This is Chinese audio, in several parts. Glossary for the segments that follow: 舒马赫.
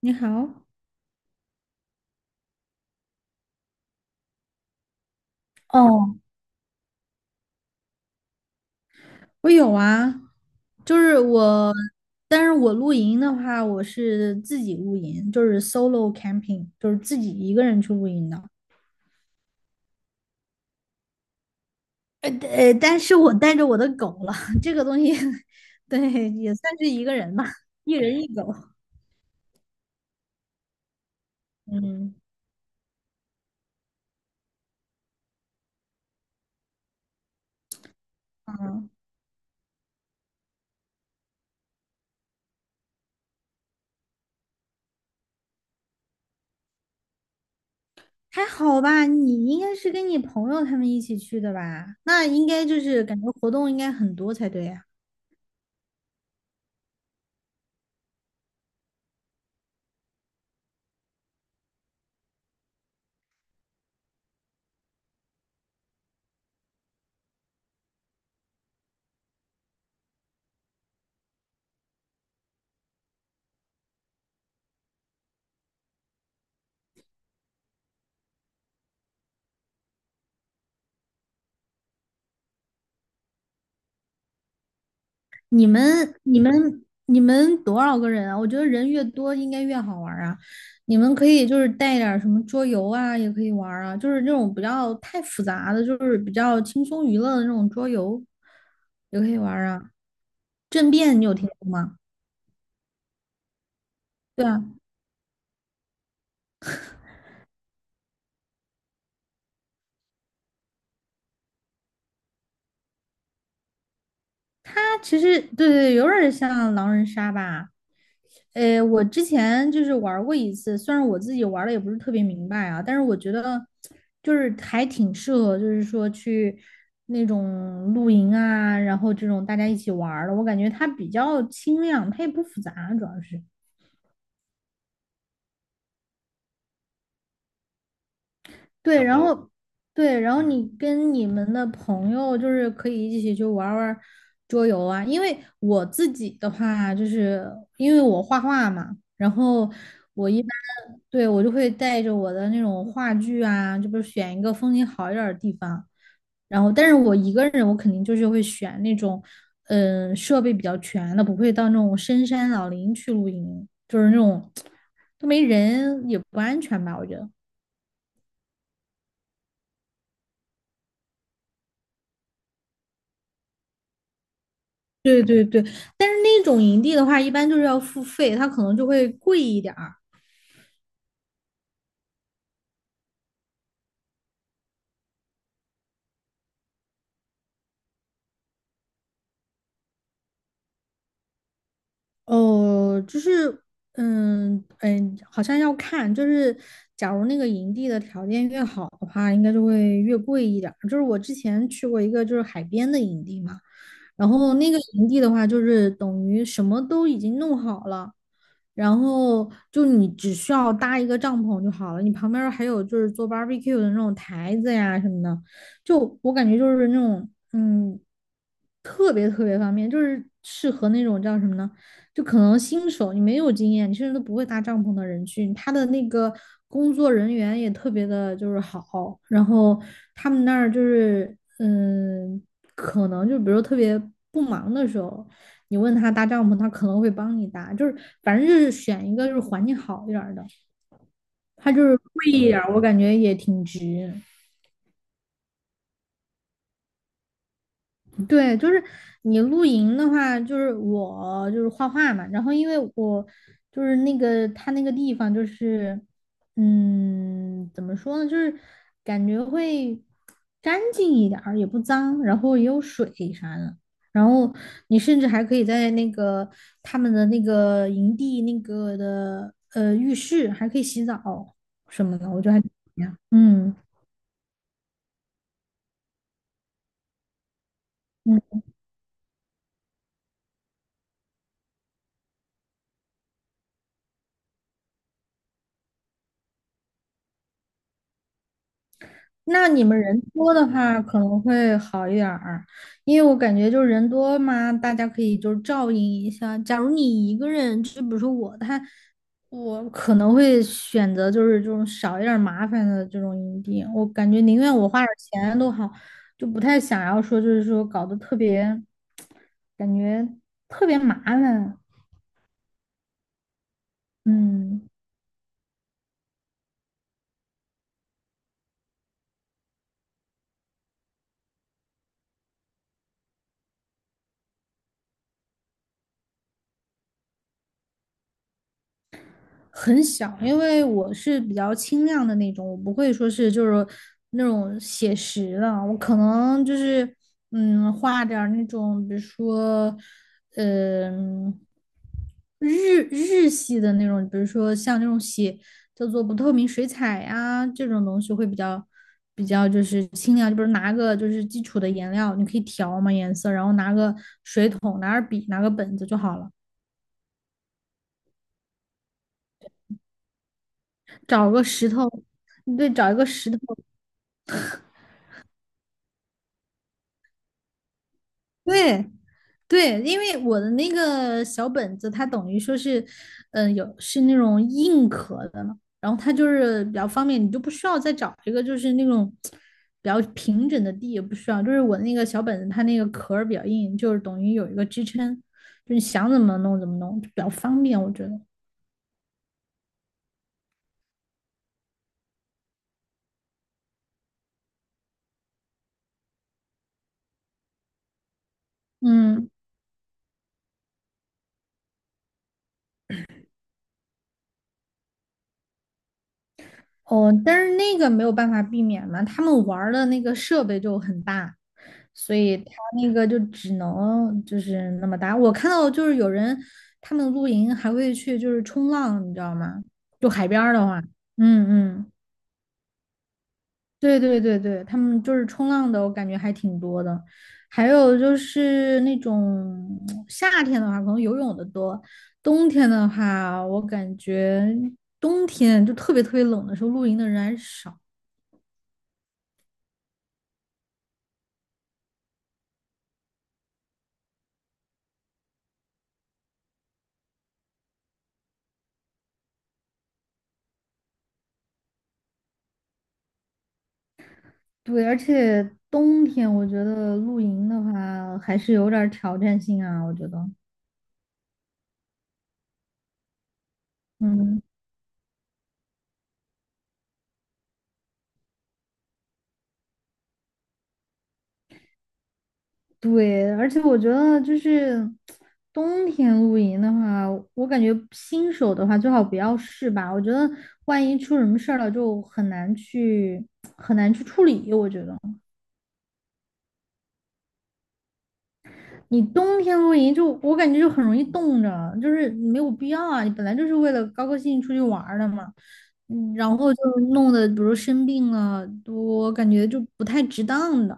你好。哦，我有啊，就是我，但是我露营的话，我是自己露营，就是 solo camping，就是自己一个人去露营的。但是我带着我的狗了，这个东西，对，也算是一个人吧，一人一狗。嗯。嗯。还好吧，你应该是跟你朋友他们一起去的吧？那应该就是感觉活动应该很多才对呀。你们、你们多少个人啊？我觉得人越多应该越好玩儿啊。你们可以就是带点儿什么桌游啊，也可以玩儿啊，就是那种不要太复杂的，就是比较轻松娱乐的那种桌游，也可以玩儿啊。政变你有听过吗？对啊，它其实有点儿像狼人杀吧。我之前就是玩过一次，虽然我自己玩的也不是特别明白啊，但是我觉得就是还挺适合，就是说去那种露营啊，然后这种大家一起玩儿的，我感觉它比较轻量，它也不复杂，主要是。对，然后,对，然后嗯你跟你们的朋友就是可以一起去玩儿玩儿桌游啊。因为我自己的话，就是因为我画画嘛，然后我一般对我就会带着我的那种画具啊，就不是选一个风景好一点儿的地方。然后，但是我一个人，我肯定就是会选那种设备比较全的，不会到那种深山老林去露营，就是那种 都没人也不安全吧，我觉得。对对对，但是那种营地的话，一般就是要付费，它可能就会贵一点儿。哦，就是，嗯嗯，好像要看，就是假如那个营地的条件越好的话，应该就会越贵一点儿。就是我之前去过一个就是海边的营地嘛，然后那个营地的话，就是等于什么都已经弄好了，然后就你只需要搭一个帐篷就好了，你旁边儿还有就是做 barbecue 的那种台子呀什么的，就我感觉就是那种特别特别方便，就是适合那种叫什么呢？就可能新手你没有经验，你甚至都不会搭帐篷的人去。他的那个工作人员也特别的就是好，然后他们那儿就是可能就比如说特别不忙的时候，你问他搭帐篷，他可能会帮你搭，就是反正就是选一个就是环境好一点儿的，他就是贵一点儿，我感觉也挺值。对，就是你露营的话，就是我就是画画嘛，然后因为我就是那个他那个地方就是，嗯，怎么说呢，就是感觉会干净一点儿，也不脏，然后也有水啥的，然后你甚至还可以在那个他们的那个营地那个的浴室还可以洗澡什么的，我觉得还挺好的嗯嗯。那你们人多的话可能会好一点儿，因为我感觉就是人多嘛，大家可以就是照应一下。假如你一个人，就比如说我，他我可能会选择就是这种少一点儿麻烦的这种营地，我感觉宁愿我花点儿钱都好，就不太想要说就是说搞得特别，感觉特别麻烦。嗯。很小，因为我是比较清亮的那种，我不会说是就是那种写实的，我可能就是画点儿那种，比如说嗯、日系的那种，比如说像那种写叫做不透明水彩呀这种东西会比较就是清亮，就比如拿个就是基础的颜料，你可以调嘛颜色，然后拿个水桶、拿点笔、拿个本子就好了，找个石头。对，找一个石头。对对，因为我的那个小本子，它等于说是，有是那种硬壳的了，然后它就是比较方便，你就不需要再找一个就是那种比较平整的地，也不需要。就是我那个小本子，它那个壳儿比较硬，就是等于有一个支撑，就是想怎么弄怎么弄，就比较方便，我觉得。嗯。哦，但是那个没有办法避免嘛，他们玩儿的那个设备就很大，所以他那个就只能就是那么大。我看到就是有人他们露营还会去就是冲浪，你知道吗？就海边儿的话，嗯嗯。对对对对，他们就是冲浪的，我感觉还挺多的。还有就是那种夏天的话，可能游泳的多，冬天的话，我感觉冬天就特别特别冷的时候，露营的人还是少。对，而且冬天我觉得露营的话还是有点儿挑战性啊，我觉得。嗯，对，而且我觉得就是冬天露营的话，我感觉新手的话最好不要试吧，我觉得万一出什么事儿了就很难去处理，我觉得。你冬天露营就我感觉就很容易冻着，就是没有必要啊。你本来就是为了高高兴兴出去玩儿的嘛，嗯，然后就弄得比如生病了，我感觉就不太值当的。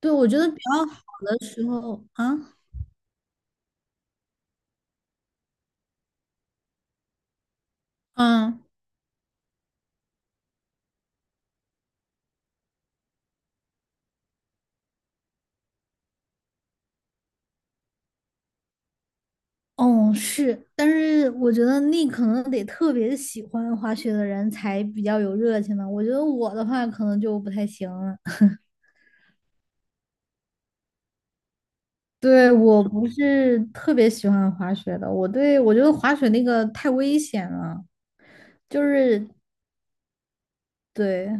对，我觉得比较好的时候啊。嗯。哦是，但是我觉得那可能得特别喜欢滑雪的人才比较有热情吧。我觉得我的话可能就不太行了。对，我不是特别喜欢滑雪的，我对我觉得滑雪那个太危险了。就是对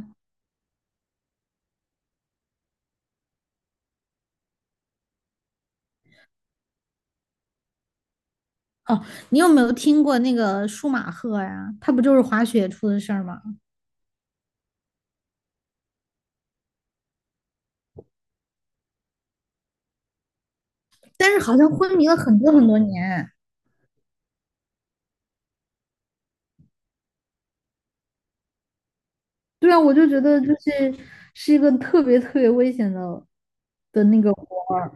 哦，你有没有听过那个舒马赫呀？他不就是滑雪出的事儿吗？但是好像昏迷了很多很多年。对啊，我就觉得就是是一个特别特别危险的的那个活儿。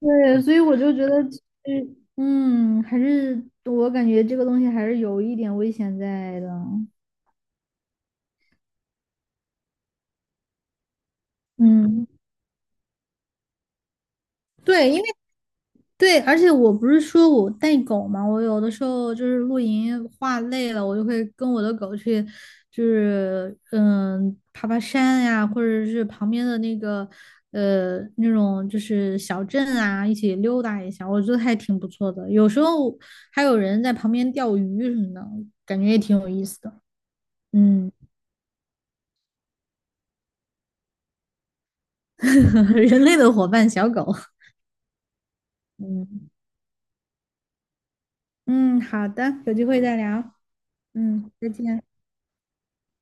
对，所以我就觉得就是,还是我感觉这个东西还是有一点危险在的。嗯，对。因为对，而且我不是说我带狗嘛，我有的时候就是露营画累了，我就会跟我的狗去，就是爬爬山呀、或者是旁边的那个那种就是小镇啊，一起溜达一下，我觉得还挺不错的。有时候还有人在旁边钓鱼什么的，感觉也挺有意思的。嗯。人类的伙伴小狗。嗯嗯，好的，有机会再聊。嗯，再见。